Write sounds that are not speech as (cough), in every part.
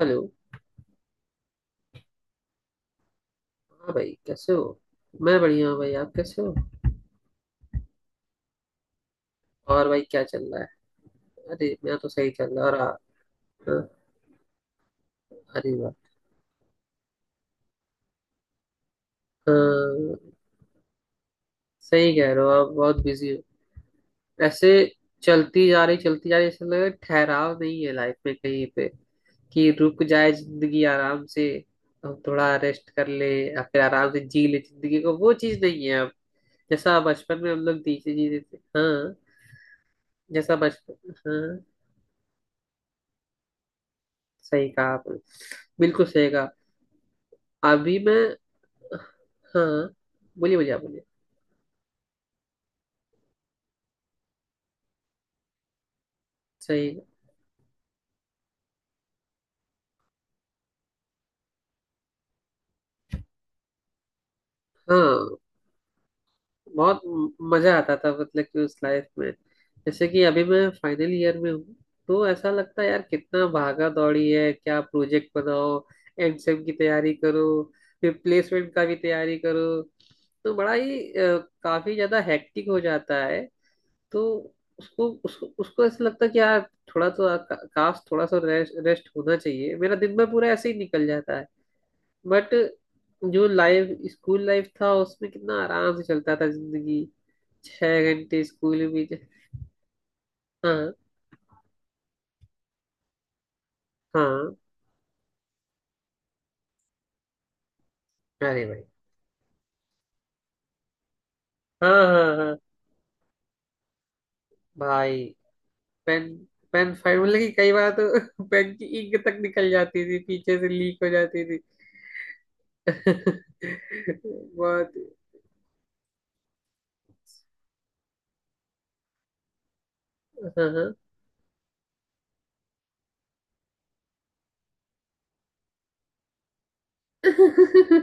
Hello. हाँ भाई, कैसे हो? मैं बढ़िया हूँ भाई, आप कैसे हो? और भाई क्या चल रहा है? अरे मैं तो सही चल रहा है और हाँ, अरे वाह। हाँ सही कह रहे हो, आप बहुत बिजी हो। ऐसे चलती जा रही चलती जा रही, ऐसा लग रहा है ठहराव नहीं है लाइफ में कहीं पे कि रुक जाए जिंदगी आराम से, हम थोड़ा रेस्ट कर ले या फिर आराम से जी ले जिंदगी को, वो चीज नहीं है अब जैसा बचपन में हम लोग जीते जीते थे। हाँ, जैसा बचपन। हाँ सही कहा आपने, बिल्कुल सही कहा। अभी मैं, हाँ बोलिए बोलिए, आप बोलिए। सही है। हाँ, बहुत मजा आता था, मतलब कि उस लाइफ में। जैसे कि अभी मैं फाइनल ईयर में हूँ, तो ऐसा लगता है यार कितना भागा दौड़ी है, क्या प्रोजेक्ट बनाओ, एग्जाम की तैयारी करो, फिर प्लेसमेंट का भी तैयारी करो, तो बड़ा ही काफी ज्यादा हेक्टिक हो जाता है। तो उसको उसको उसको ऐसा लगता है कि यार थोड़ा तो काश थोड़ा सा रेस्ट रेस्ट होना चाहिए, मेरा दिन भर पूरा ऐसे ही निकल जाता है। बट जो लाइफ स्कूल लाइफ था उसमें कितना आराम से चलता था जिंदगी। छह घंटे स्कूल में बीते। हाँ। हाँ अरे भाई, हाँ हाँ हाँ भाई। पेन, पेन फाइव, मतलब कि कई बार तो (laughs) पेन की इंक तक निकल जाती थी, पीछे से लीक हो जाती थी। (laughs) बहुत। हाँ हाँ। अच्छा,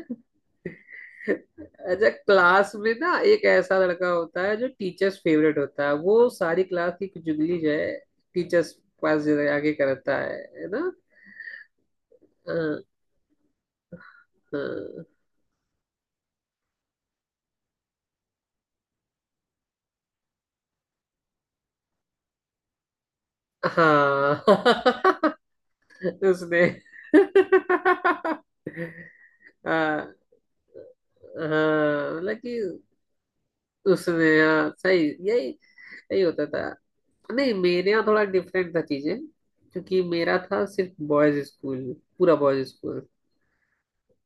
क्लास में ना एक ऐसा लड़का होता है जो टीचर्स फेवरेट होता है, वो सारी क्लास की चुगली जो है टीचर्स पास आगे करता है ना? हाँ। हाँ। (laughs) उसने। हाँ हाँ, मतलब कि उसने, हाँ सही, यही यही होता था। नहीं मेरे यहाँ थोड़ा डिफरेंट था चीजें, क्योंकि मेरा था सिर्फ बॉयज स्कूल, पूरा बॉयज स्कूल।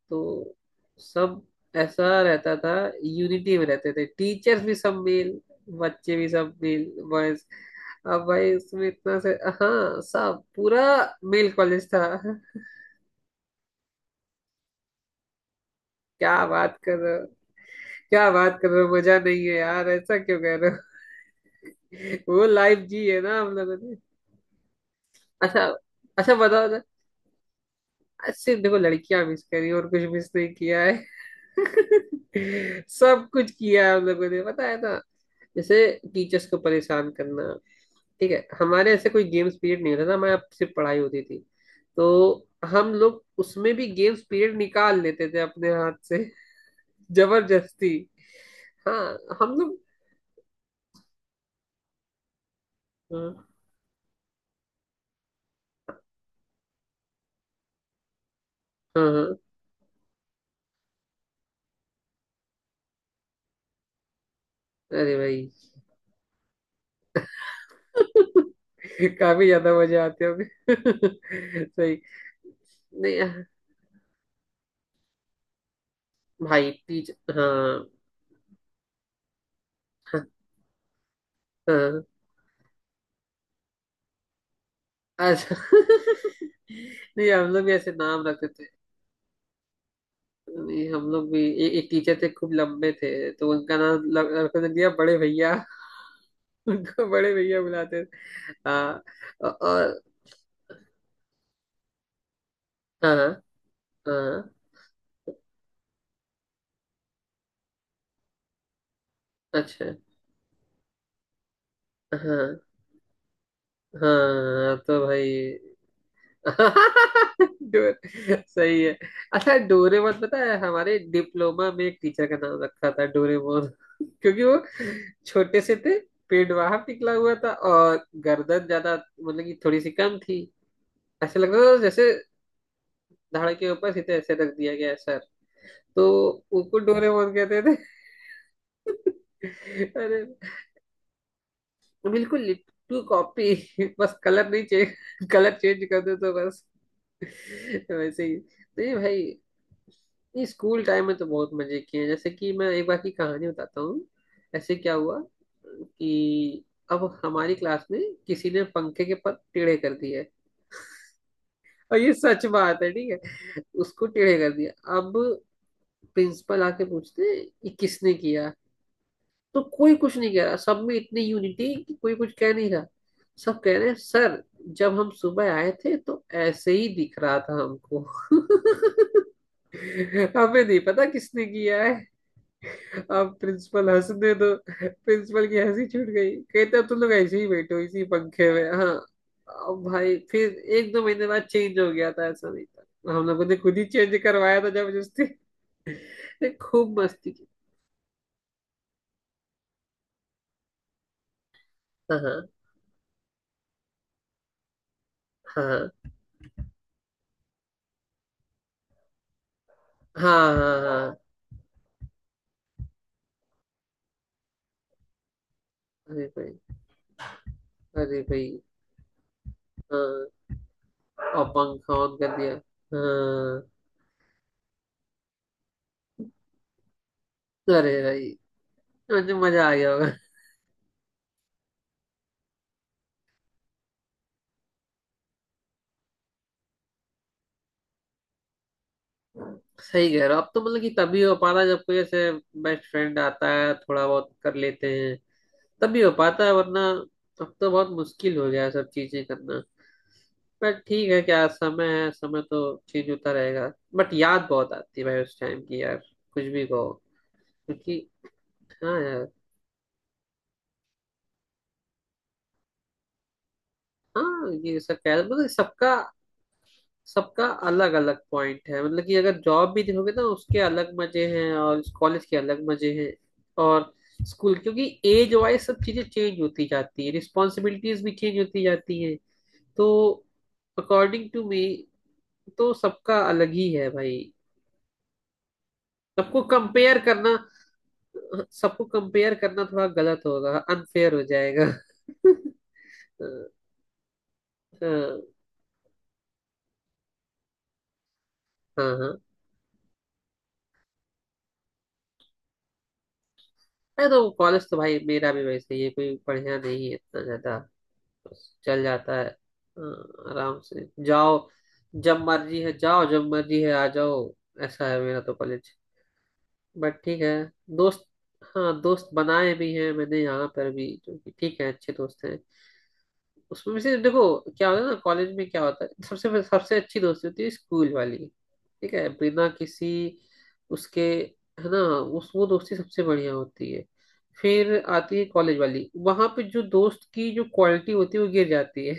तो सब ऐसा रहता था, यूनिटी में रहते थे। टीचर्स भी सब मेल, बच्चे भी सब मेल, बॉयज। अब भाई उसमें इतना से, हाँ सब पूरा मेल कॉलेज था। क्या बात कर रहे हो? क्या बात कर रहे हो मजा नहीं है यार, ऐसा क्यों कह रहे हो? (laughs) वो लाइफ जी है ना हम लोगों ने। अच्छा। अच्छा बताओ ना। आज सिर्फ देखो लड़कियां मिस करी और कुछ मिस नहीं किया है। (laughs) सब कुछ किया हम लोगों ने, पता है ना। जैसे टीचर्स को परेशान करना, ठीक है हमारे ऐसे कोई गेम्स पीरियड नहीं होता था, हमारे यहाँ सिर्फ पढ़ाई होती थी। तो हम लोग उसमें भी गेम्स पीरियड निकाल लेते थे अपने हाथ से। (laughs) जबरदस्ती। हाँ हम लोग, हाँ हाँ हाँ, अरे भाई। (laughs) काफी ज्यादा मजे आते होंगे। (laughs) सही। नहीं भाई टीचर, हाँ हाँ हाँ। अच्छा। (laughs) नहीं हम लोग भी ऐसे नाम रखते थे। नहीं हम लोग भी, एक टीचर थे खूब लंबे थे तो उनका नाम रखने दिया बड़े भैया। (laughs) उनको बड़े भैया बुलाते थे। हाँ। और, हाँ हाँ हाँ, अच्छा। हाँ हाँ तो भाई। (laughs) डोर, सही है। अच्छा डोरेमोन, पता है हमारे डिप्लोमा में एक टीचर का नाम रखा था डोरेमोन। (laughs) क्योंकि वो छोटे से थे, पेट बाहर निकला हुआ था और गर्दन ज्यादा मतलब कि थोड़ी सी कम थी। ऐसे लगता था जैसे धड़ के ऊपर सीधे ऐसे रख दिया गया है सर, तो उनको डोरेमोन कहते थे। (laughs) अरे बिल्कुल लिट्टू कॉपी, बस कलर नहीं, चेंज कलर चेंज कर दो तो बस। (laughs) वैसे ही नहीं भाई। नहीं स्कूल टाइम में तो बहुत मजे किए हैं, जैसे कि मैं एक बार की कहानी बताता हूँ। ऐसे क्या हुआ कि अब हमारी क्लास में किसी ने पंखे के पर टेढ़े कर दिए, और ये सच बात है ठीक है, उसको टेढ़े कर दिया। अब प्रिंसिपल आके पूछते हैं, ये किसने किया? तो कोई कुछ नहीं कह रहा, सब में इतनी यूनिटी कि कोई कुछ कह नहीं रहा। सब कह रहे हैं सर जब हम सुबह आए थे तो ऐसे ही दिख रहा था हमको। (laughs) हमें नहीं पता किसने किया है। आप प्रिंसिपल हंसने दो, प्रिंसिपल की हंसी छूट गई, कहते अब तुम लोग ऐसे ही बैठो इसी पंखे में। हाँ अब भाई फिर एक दो महीने बाद चेंज हो गया था, ऐसा नहीं था, हम लोगों ने खुद ही चेंज करवाया था जबरदस्ती। (laughs) खूब मस्ती की। हाँ हाँ हाँ, हाँ हाँ अरे भाई, अरे भाई। हाँ और पंखा ऑन कर दिया। हाँ अरे भाई मुझे मजा आ गया होगा। सही कह रहे हो, अब तो मतलब कि तभी हो पा रहा है जब कोई ऐसे बेस्ट फ्रेंड आता है थोड़ा बहुत कर लेते हैं, तब भी हो पाता है, वरना अब तो बहुत मुश्किल हो गया है सब चीजें करना। बट ठीक है, क्या समय है, समय तो चेंज होता रहेगा। बट याद बहुत आती है भाई उस टाइम की यार, कुछ भी कहो। क्योंकि हाँ यार, हाँ ये सब कह मतलब सबका, सबका अलग अलग पॉइंट है, मतलब कि अगर जॉब भी देखोगे ना उसके अलग मजे हैं और कॉलेज के अलग मजे हैं। और स्कूल क्योंकि एज वाइज सब चीजें चेंज होती जाती है, रिस्पॉन्सिबिलिटीज भी चेंज होती जाती है। तो अकॉर्डिंग टू मी तो सबका अलग ही है भाई। सबको कंपेयर करना, सबको कंपेयर करना थोड़ा गलत होगा, अनफेयर हो जाएगा। (laughs) हाँ हाँ हाँ। अरे तो कॉलेज तो भाई मेरा भी वैसे ही है, कोई बढ़िया नहीं है इतना ज्यादा, बस चल जाता है। हाँ, आराम से जाओ, जब मर्जी है जाओ, जब मर्जी है आ जाओ। ऐसा है मेरा तो कॉलेज। बट ठीक है, दोस्त, हाँ दोस्त बनाए भी हैं मैंने यहाँ पर भी जो कि ठीक है, अच्छे दोस्त हैं। उसमें भी से देखो, क्या होता है ना, कॉलेज में क्या होता है, सबसे सबसे अच्छी दोस्ती होती है स्कूल वाली, ठीक है बिना किसी उसके, है ना? उस वो दोस्ती सबसे बढ़िया होती है। फिर आती है कॉलेज वाली, वहां पे जो दोस्त की जो क्वालिटी होती है वो गिर जाती है।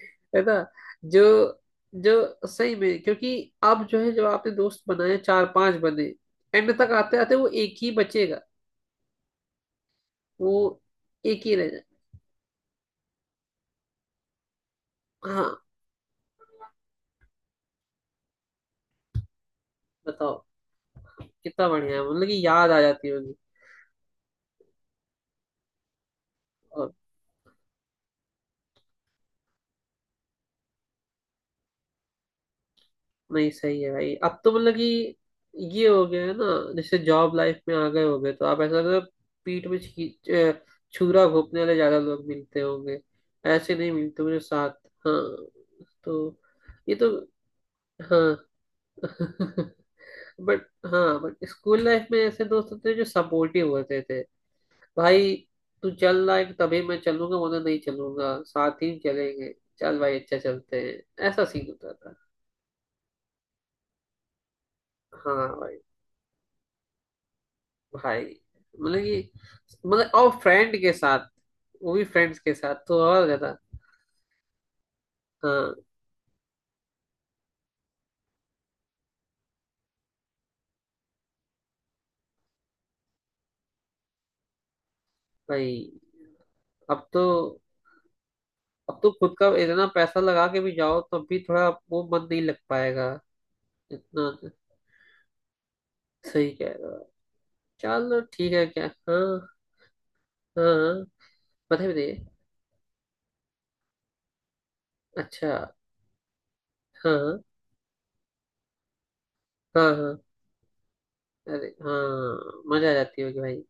(laughs) है ना? जो, जो सही में, क्योंकि अब जो है जब आपने दोस्त बनाए चार पांच बने, एंड तक आते आते वो एक ही बचेगा, वो एक ही रह जाए। हाँ बताओ, कितना बढ़िया है, मतलब कि याद आ जाती होगी। नहीं सही है भाई, अब तो मतलब कि ये हो गया है ना। जैसे जॉब लाइफ में आ गए होगे तो आप ऐसा ना, पीठ में छुरा घोंपने वाले ज्यादा लोग मिलते होंगे। ऐसे नहीं मिलते मेरे साथ। हाँ, तो ये तो, हाँ। (laughs) बट, हाँ बट स्कूल लाइफ में ऐसे दोस्त होते थे जो सपोर्टिव होते थे भाई। तू चल रहा है कि तभी मैं चलूंगा, वरना नहीं चलूंगा, साथ ही चलेंगे, चल भाई अच्छा चलते हैं, ऐसा सीन होता था। हाँ भाई। भाई मतलब कि, मतलब और फ्रेंड के साथ, वो भी फ्रेंड्स के साथ तो और ज्यादा। हाँ भाई, अब तो, अब तो खुद का इतना पैसा लगा के भी जाओ तब भी थोड़ा वो मन नहीं लग पाएगा इतना। सही कह रहे हो, चलो ठीक है, क्या हाँ। हाँ बताइए बताइए। अच्छा, हाँ हाँ। हाँ। हाँ। अरे हाँ मजा आ जाती होगी भाई।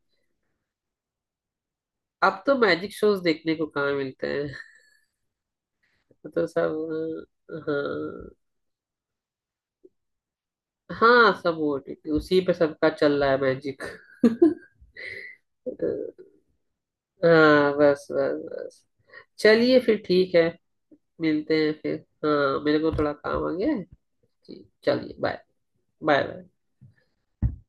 अब तो मैजिक शोज देखने को कहाँ मिलते हैं। (laughs) तो सब, हाँ हाँ। हाँ सब ओटीटी, उसी पे सबका चल रहा है मैजिक। (laughs) हाँ बस बस बस, चलिए फिर ठीक है, मिलते हैं फिर। हाँ मेरे को थोड़ा काम आ गया है। जी, चलिए बाय। Bye bye.